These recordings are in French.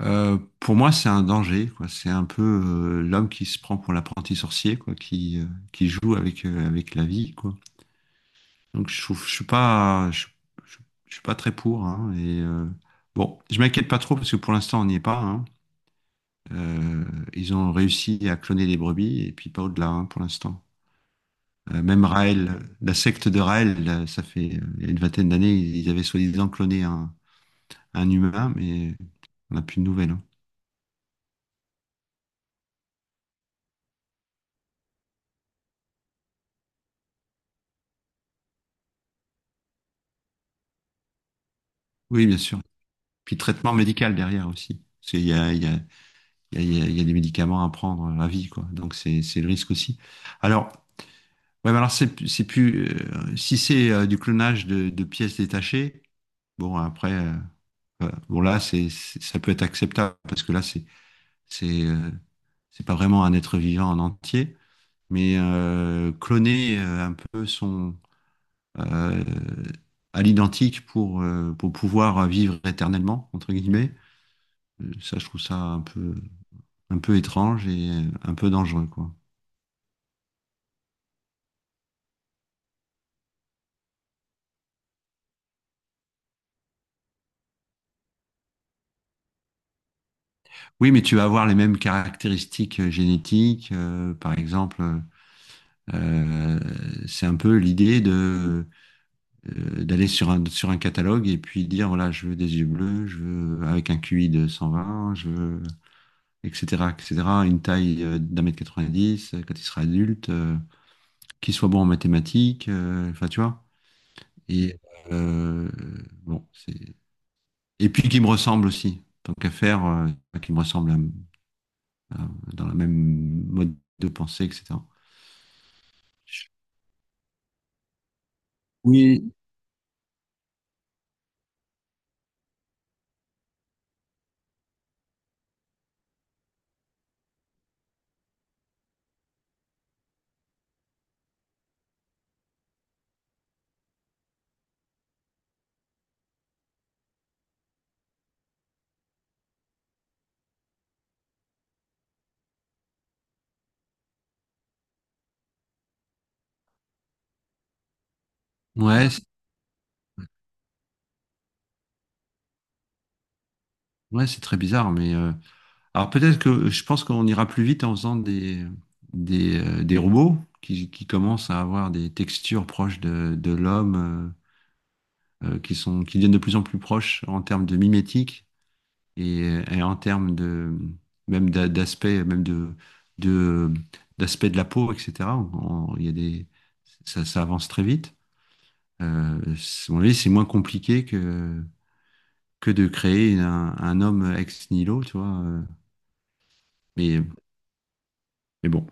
Pour moi, c'est un danger, quoi. C'est un peu l'homme qui se prend pour l'apprenti sorcier, quoi, qui joue avec, avec la vie, quoi. Donc, je trouve, je- je suis pas très pour, hein. Bon, je m'inquiète pas trop parce que pour l'instant, on n'y est pas, hein. Euh, Ils ont réussi à cloner les brebis et puis pas au-delà, hein, pour l'instant. Même Raël, la secte de Raël, là, ça fait il y a une vingtaine d'années, ils avaient soi-disant un humain, mais on n'a plus de nouvelles, hein. Oui, bien sûr. Puis traitement médical derrière aussi. Parce qu'il y a, il y a, il y a, il y a des médicaments à prendre à vie, quoi. Donc c'est le risque aussi. Alors, ouais, mais alors c'est plus, si c'est du clonage de pièces détachées, bon après, voilà. Bon là ça peut être acceptable parce que là c'est, euh, c'est pas vraiment un être vivant en entier, mais cloner un peu son euh, à l'identique pour pouvoir vivre éternellement entre guillemets. Ça, je trouve ça un peu étrange et un peu dangereux, quoi. Oui, mais tu vas avoir les mêmes caractéristiques génétiques. Par exemple, euh, c'est un peu l'idée de d'aller sur un catalogue et puis dire voilà, je veux des yeux bleus, je veux avec un QI de 120, je veux etc. etc. Une taille d'un mètre 90 quand il sera adulte, qu'il soit bon en mathématiques, enfin tu vois. Et euh, bon, c'est et puis qui me ressemble aussi. Tant qu'à faire, qui me ressemble euh, dans le même mode de pensée, etc. Oui. Ouais, c'est- ouais, c'est très bizarre, mais alors peut-être que je pense qu'on ira plus vite en faisant des robots qui commencent à avoir des textures proches de l'homme, qui sont, qui deviennent de plus en plus proches en termes de mimétique et, et en termes de même d'aspect, même de d'aspect de la peau, etc. Il y a des, ça avance très vite. À mon avis, c'est moins compliqué que de créer un homme ex nihilo, tu vois. Mais, mais bon.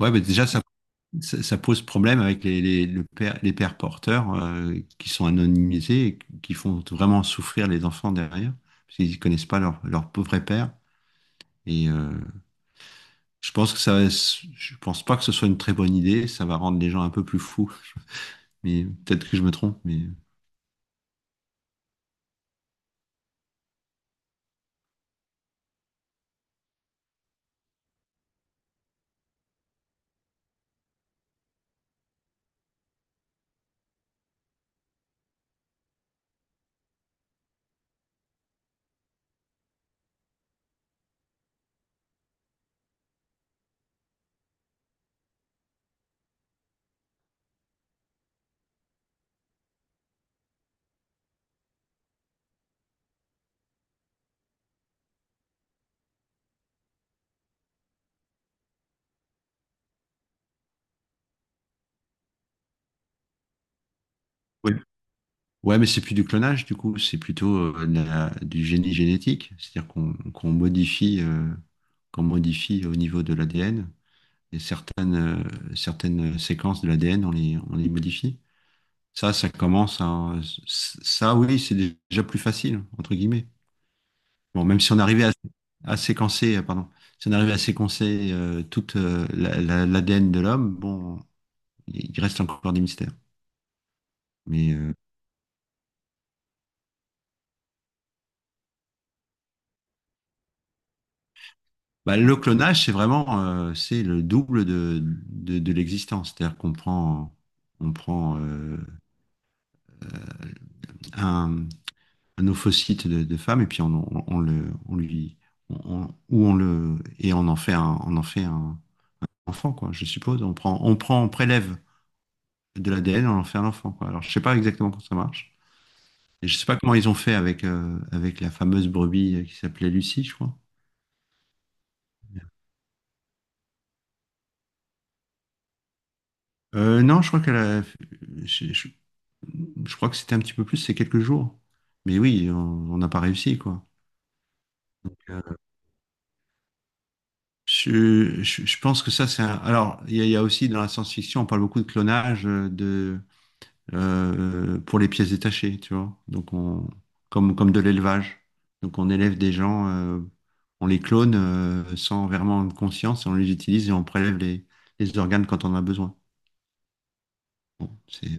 Ouais, mais déjà, ça pose problème avec les pères porteurs qui sont anonymisés et qui font vraiment souffrir les enfants derrière, parce qu'ils ne connaissent pas leur pauvre père. Et je pense que ça, je pense pas que ce soit une très bonne idée. Ça va rendre les gens un peu plus fous. Mais peut-être que je me trompe. Mais… Oui. Ouais, mais c'est plus du clonage, du coup, c'est plutôt du génie génétique, c'est-à-dire qu'on modifie, qu'on modifie au niveau de l'ADN, et certaines séquences de l'ADN, on les modifie. Ça, oui, c'est déjà plus facile, entre guillemets. Bon, même si on arrivait à séquencer, pardon, si on arrivait à séquencer toute l'ADN de l'homme, bon, il reste encore des mystères. Mais euh, Bah, le clonage, c'est vraiment c'est le double de l'existence. C'est-à-dire qu'on prend, on prend un, un ophocyte de femme et puis on le, on lui, on, on- ou on le, et on en fait un enfant, quoi, je suppose. On prélève de l'ADN, on en fait un enfant, quoi. Alors, je sais pas exactement comment ça marche. Et je sais pas comment ils ont fait avec, avec la fameuse brebis qui s'appelait Lucie, je crois. Non, je crois qu'elle a, je, je- je crois que c'était un petit peu plus, c'est quelques jours. Mais oui, on n'a pas réussi, quoi. Euh, je pense que ça, c'est un… Alors, il y a aussi dans la science-fiction, on parle beaucoup de clonage pour les pièces détachées, tu vois. Comme, comme de l'élevage. Donc, on élève des gens, on les clone sans vraiment conscience, et on les utilise et on prélève les organes quand on en a besoin. Bon, c'est…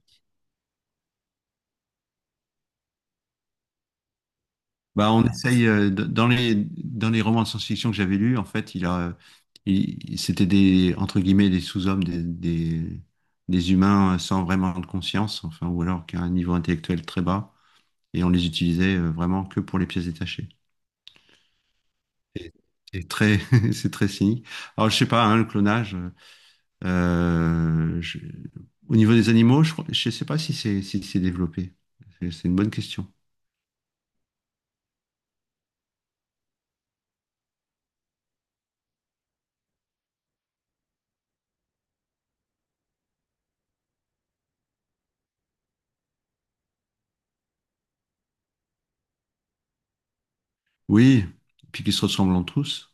Bah, on essaye dans les romans de science-fiction que j'avais lus, en fait, c'était des entre guillemets des sous-hommes, des humains sans vraiment de conscience, enfin ou alors qui a un niveau intellectuel très bas, et on les utilisait vraiment que pour les pièces détachées. C'est c'est très c'est très cynique. Alors je sais pas, hein, le clonage. euh, je- au niveau des animaux, je sais pas si c'est si c'est développé. C'est une bonne question. Oui, puis qu'ils se ressemblent tous.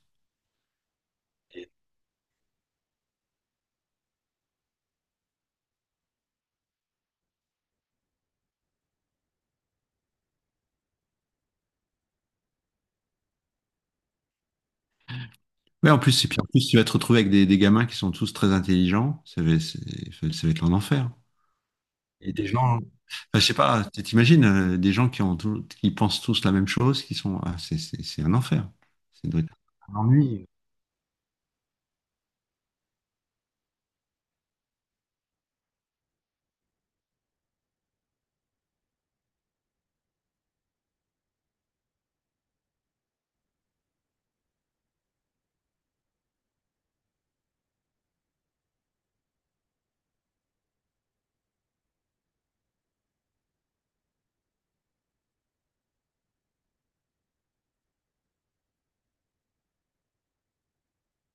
Ouais, en plus, et puis en plus, tu vas te retrouver avec des gamins qui sont tous très intelligents. Ça va être un enfer. Et des gens, enfin, je sais pas, tu t'imagines, des gens qui ont qui pensent tous la même chose, qui sont, ah, c'est un enfer. Ça doit être un ennui.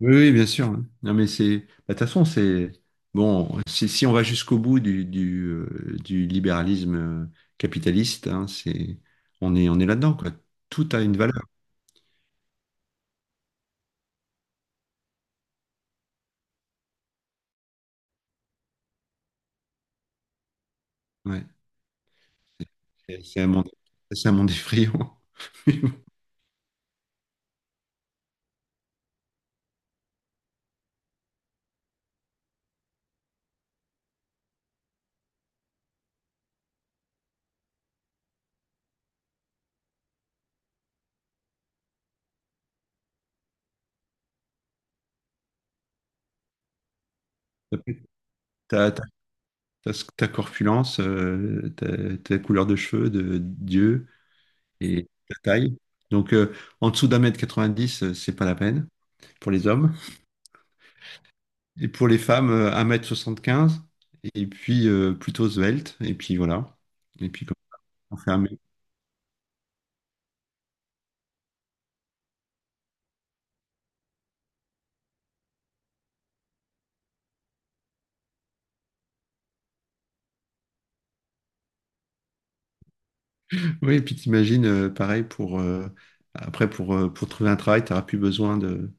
Oui, oui, bien sûr. Non, mais c'est, bah, de toute façon, c'est, si on va jusqu'au bout du libéralisme capitaliste, hein, c'est, on est là-dedans, quoi. Tout a une valeur. Ouais. C'est c'est un monde, c'est un monde effrayant. ta t'as- T'as ta corpulence, ta couleur de cheveux, de d'yeux et ta taille. Donc, en dessous d'un mètre 90, c'est pas la peine pour les hommes. Et pour les femmes, un mètre m 75 et puis plutôt svelte. Et puis voilà. Et puis, comme on fait un mec. Oui, et puis t'imagines, pareil, pour trouver un travail, t'auras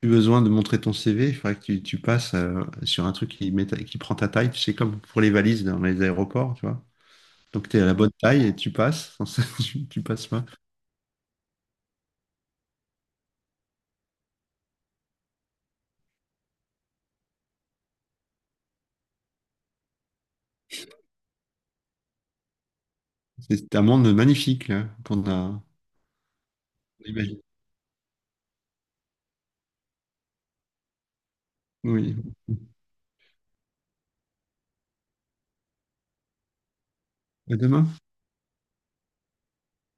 plus besoin de montrer ton CV. Il faudrait que tu passes sur un truc qui prend ta taille. Tu sais, comme pour les valises dans les aéroports, tu vois. Donc tu es à la bonne taille et tu passes. Sans ça, tu passes pas. C'est un monde magnifique là, qu'on a imaginé. Oui. À demain.